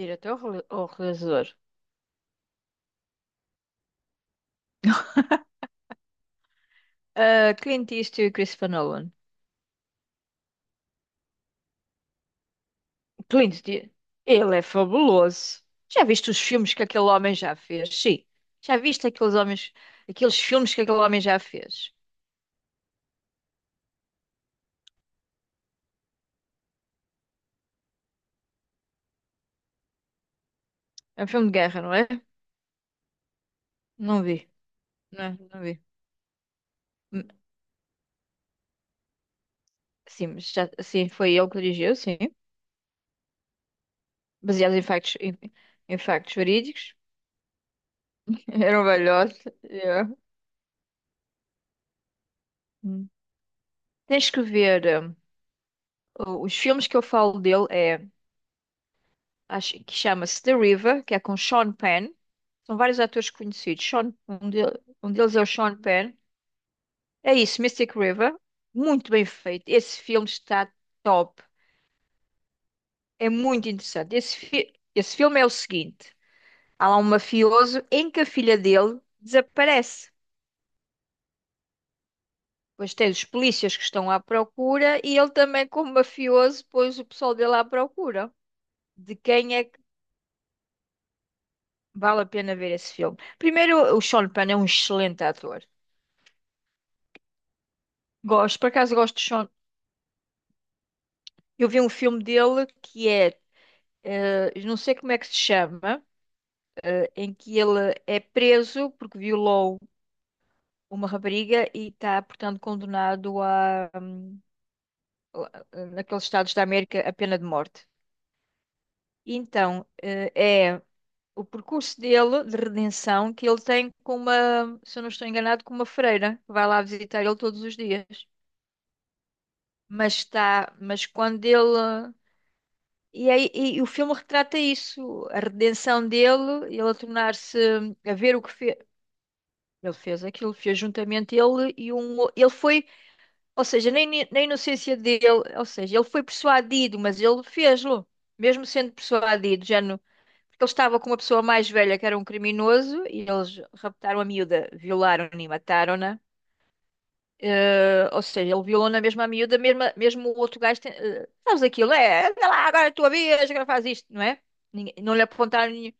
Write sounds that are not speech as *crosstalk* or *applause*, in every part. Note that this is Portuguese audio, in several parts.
Diretor ou realizador? Ah, Clint Eastwood e Christopher Nolan. Clint Eastwood, ele é fabuloso. Já viste os filmes que aquele homem já fez? Sim. Já viste aqueles filmes que aquele homem já fez? É um filme de guerra, não é? Não vi. Não, não vi. Hum. Sim, mas já, sim, foi ele que dirigiu, sim. Baseado em factos, em factos verídicos. *laughs* Era um velhote. Yeah. Hum. Tens que ver. Os filmes que eu falo dele é acho que chama-se The River, que é com Sean Penn. São vários atores conhecidos. Sean, um deles é o Sean Penn. É isso, Mystic River. Muito bem feito. Esse filme está top. É muito interessante. Esse filme é o seguinte: há lá um mafioso em que a filha dele desaparece. Depois tem os polícias que estão à procura e ele também, como mafioso, pôs o pessoal dele à procura. De quem é que vale a pena ver esse filme? Primeiro, o Sean Penn é um excelente ator. Gosto, por acaso gosto de Sean. Eu vi um filme dele que é, não sei como é que se chama, em que ele é preso porque violou uma rapariga e está, portanto, condenado a naqueles estados da América, a pena de morte. Então, é o percurso dele de redenção que ele tem com uma, se eu não estou enganado, com uma freira que vai lá visitar ele todos os dias. Mas está, mas quando ele E o filme retrata isso, a redenção dele, ele a tornar-se a ver o que fez. Ele fez aquilo, fez juntamente ele e um. Ele foi, ou seja, nem na inocência dele, ou seja, ele foi persuadido, mas ele fez-lo, mesmo sendo persuadido, já no, porque ele estava com uma pessoa mais velha que era um criminoso e eles raptaram a miúda, violaram-na e mataram-na. Ou seja, ele violou na mesma miúda, mesmo, mesmo o outro gajo. Tem, sabes aquilo? É, vai lá, agora é a tua vez, agora faz isto, não é? Não lhe apontaram nenhum.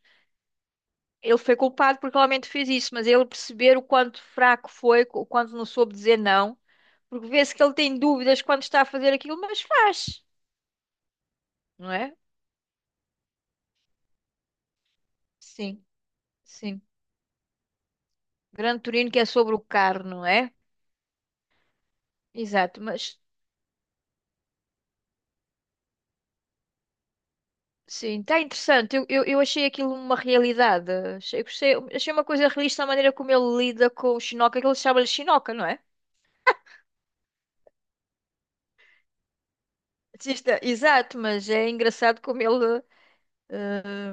Ele foi culpado porque realmente fez isso, mas ele perceber o quanto fraco foi, o quanto não soube dizer não, porque vê-se que ele tem dúvidas quando está a fazer aquilo, mas faz, não é? Sim, sim. Grande Turino que é sobre o carro, não é? Exato, mas sim, está interessante. Eu achei aquilo uma realidade. Achei uma coisa realista a maneira como ele lida com o Shinoka, que ele chama-lhe Shinoka, não é? Exato, mas é engraçado como ele. eh,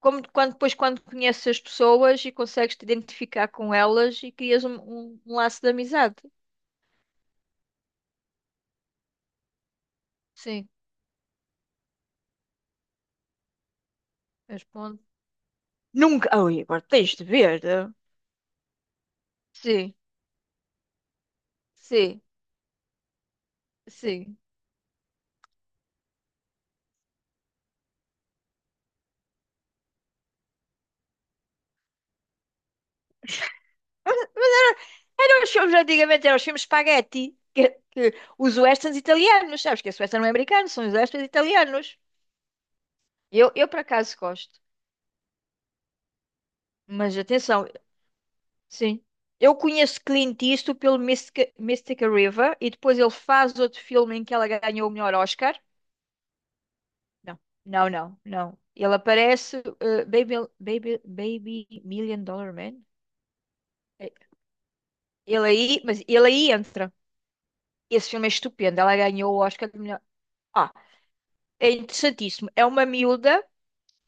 Como quando, depois, quando conheces as pessoas e consegues te identificar com elas e crias um laço de amizade. Sim, respondo. Nunca. Ai, agora tens de ver. Eh? Sim, sim, sim. Mas era, eram os filmes antigamente, eram os filmes spaghetti, os westerns italianos, sabes que esse western não é americano, são os westerns italianos. Eu por acaso gosto, mas atenção, sim. Eu conheço Clint Eastwood pelo Mystica, Mystica River e depois ele faz outro filme em que ela ganhou o melhor Oscar. Não, não, não, não. Ele aparece, Baby Million Dollar Man. Eh, Ele aí, mas ele aí entra. Esse filme é estupendo. Ela ganhou o Oscar de melhor. Ah, é interessantíssimo.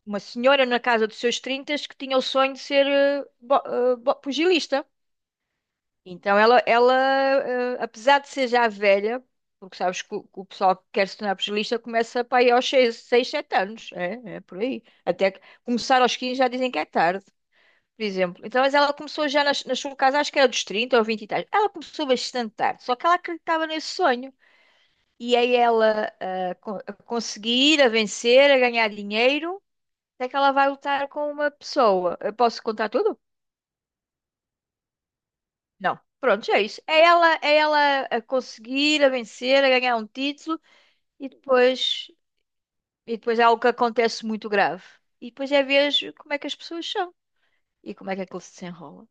Uma senhora na casa dos seus 30 que tinha o sonho de ser pugilista. Então apesar de ser já velha, porque sabes que o pessoal que quer se tornar pugilista começa para aí aos seis, sete anos. É, é por aí. Até que começar aos 15 já dizem que é tarde, por exemplo. Então, mas ela começou já na sua casa, acho que era dos 30 ou 20 e tal. Ela começou bastante tarde, só que ela acreditava nesse sonho. E aí ela a conseguir, a vencer, a ganhar dinheiro até que ela vai lutar com uma pessoa. Eu posso contar tudo? Não. Pronto, é isso. É ela a conseguir, a vencer, a ganhar um título e depois, e depois é algo que acontece muito grave. E depois é ver como é que as pessoas são e como é que aquilo se desenrola.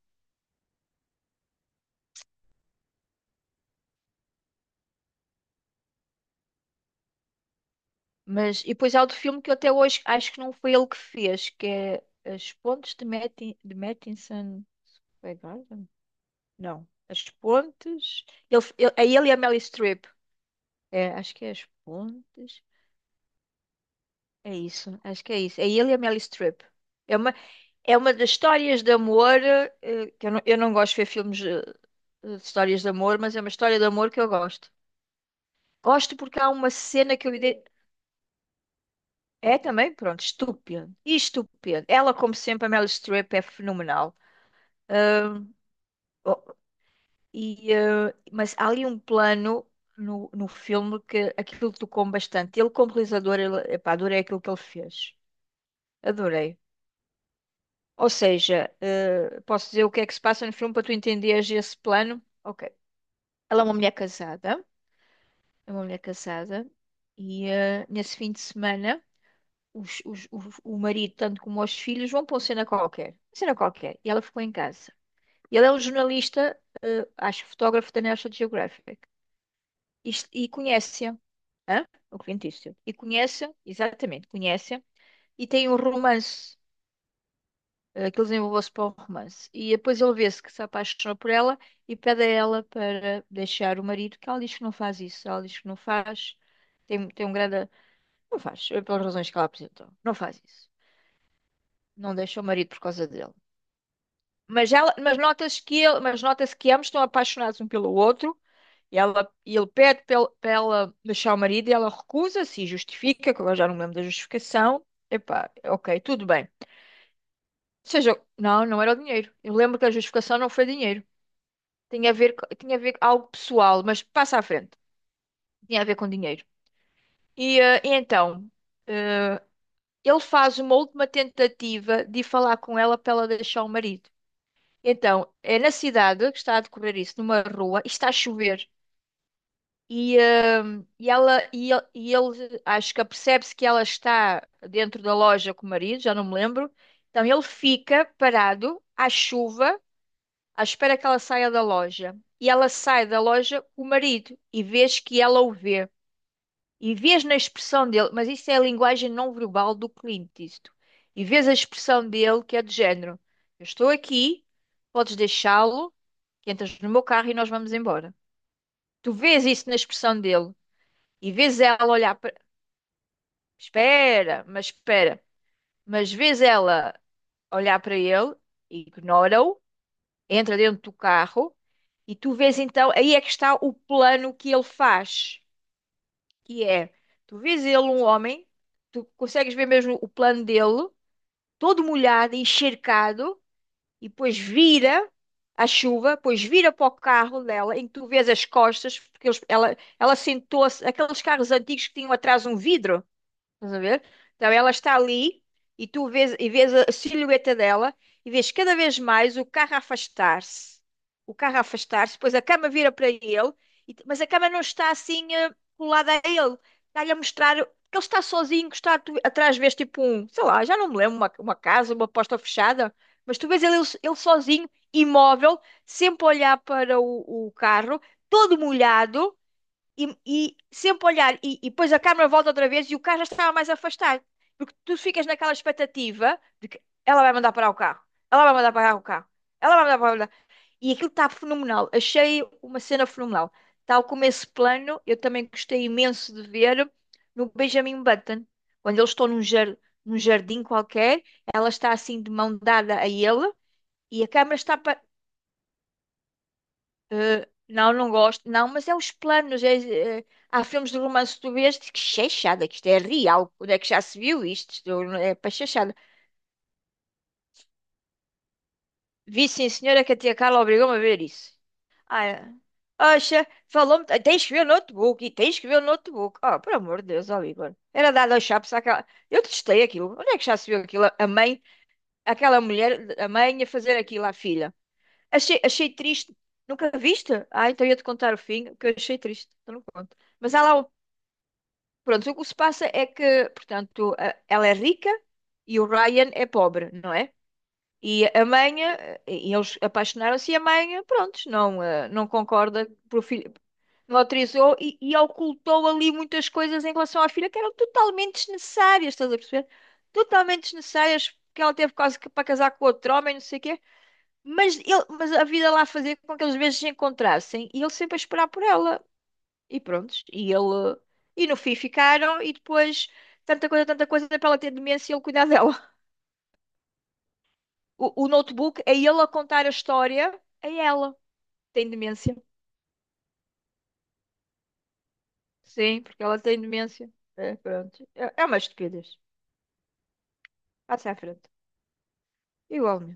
Mas e depois há outro filme que eu até hoje acho que não foi ele que fez, que é As Pontes de Mattinson. Foi Garden? Não. As Pontes. É ele e a Meryl Streep. É, acho que é As Pontes. É isso, acho que é isso. É ele e a Meryl Streep. É uma, é uma das histórias de amor, que eu não gosto de ver filmes de histórias de amor, mas é uma história de amor que eu gosto. Gosto porque há uma cena que eu... ide- É também, pronto, estúpida. E estúpida. Ela, como sempre, a Meryl Streep é fenomenal. Oh, e, mas há ali um plano no filme que aquilo tocou-me bastante. Ele, como realizador, ele, epá, adorei aquilo que ele fez. Adorei. Ou seja, posso dizer o que é que se passa no filme para tu entenderes esse plano? Ok. Ela é uma mulher casada, é uma mulher casada, e nesse fim de semana os- os- o, o marido, tanto como os filhos, vão para uma cena qualquer. Uma cena qualquer. E ela ficou em casa. E ele é um jornalista, acho fotógrafo da National Geographic. E, conhece-a. Hã? O Clint Eastwood. E conhece-a, exatamente, conhece-a. E tem um romance aqueles envolveu-se para o romance. E depois ele vê-se que se apaixona por ela e pede a ela para deixar o marido, que ela diz que não faz isso, ela diz que não faz, tem um grande. Não faz, pelas razões que ela apresentou, não faz isso. Não deixa o marido por causa dele. Mas, ela, mas nota-se que ele, mas nota-se que ambos estão apaixonados um pelo outro. E, ela, e ele pede para ele- para ela deixar o marido e ela recusa-se e justifica, que agora já não me lembro da justificação. Epá, ok, tudo bem. Ou seja, não, não era o dinheiro. Eu lembro que a justificação não foi dinheiro. Tinha a ver, co- tinha a ver com algo pessoal, mas passa à frente. Tinha a ver com dinheiro. E então, eh, ele faz uma última tentativa de ir falar com ela para ela deixar o marido. Então, é na cidade que está a decorrer isso, numa rua, e está a chover. E, e ela, e ele, acho que apercebe-se que ela está dentro da loja com o marido, já não me lembro. Então, ele fica parado à chuva à espera que ela saia da loja. E ela sai da loja com o marido e vês que ela o vê. E vês na expressão dele, mas isso é a linguagem não verbal do Clint, isto. E vês a expressão dele que é do género: eu estou aqui, podes deixá-lo, que entras no meu carro e nós vamos embora. Tu vês isso na expressão dele e vês ela olhar para. Espera. Mas vês ela olhar para ele, ignora-o, entra dentro do carro. E tu vês então, aí é que está o plano que ele faz, que é, tu vês ele um homem, tu consegues ver mesmo o plano dele, todo molhado, encharcado, e depois vira a chuva, depois vira para o carro dela, em que tu vês as costas, porque eles- ela sentou-se, aqueles carros antigos que tinham atrás um vidro. Estás a ver? Então ela está ali e tu vês, e vês a silhueta dela e vês cada vez mais o carro a afastar-se. O carro a afastar-se, depois a cama vira para ele, e- mas a cama não está assim colada a ele. Está-lhe a mostrar que ele está sozinho, que está tu- atrás, vês tipo um, sei lá, já não me lembro, uma casa, uma porta fechada, mas tu vês ele, ele sozinho, imóvel, sempre a olhar para o carro, todo molhado e sempre olhar, e depois a câmera volta outra vez e o carro já estava mais afastado, porque tu ficas naquela expectativa de que ela vai mandar parar o carro, ela vai mandar parar o carro, ela vai mandar parar o carro, e aquilo está fenomenal, achei uma cena fenomenal. Tal como esse plano, eu também gostei imenso de ver no Benjamin Button, quando eles estão num, num jardim qualquer, ela está assim de mão dada a ele. E a câmera está pa- não, não gosto. Não, mas é os planos. Há filmes de romance que tu vês diz, que chechada, que isto é real. Onde é que já se viu isto? Isto é para chechada. Vi sim, senhora, que a tia Carla obrigou-me a ver isso. Ah, oxa, falou-me, "Ah, tens que ver o notebook e tens que ver o notebook. Oh, por amor de Deus, ó Igor. Era dado aos chapos àquela. Eu testei aquilo. Onde é que já se viu aquilo? A mãe, aquela mulher, a mãe a fazer aquilo à filha. Achei, achei triste. Nunca viste? Ah, então ia-te contar o fim, que eu achei triste. Então não conto. Mas há lá, o- pronto, o que se passa é que, portanto, a- ela é rica e o Ryan é pobre, não é? E a mãe, e eles apaixonaram-se e a mãe, pronto, não, não concorda pro filho, não autorizou e ocultou ali muitas coisas em relação à filha que eram totalmente desnecessárias, estás a perceber? Totalmente desnecessárias, porque ela teve quase que para casar com outro homem, não sei o quê. Mas, ele, mas a vida lá fazia com que eles às vezes se encontrassem e ele sempre a esperar por ela. E pronto, e ele. E no fim ficaram e depois tanta coisa para ela ter demência e ele cuidar dela. O notebook é ele a contar a história a ela. Tem demência. Sim, porque ela tem demência. É, pronto. É, é uma estupidez. Passa à frente. Igual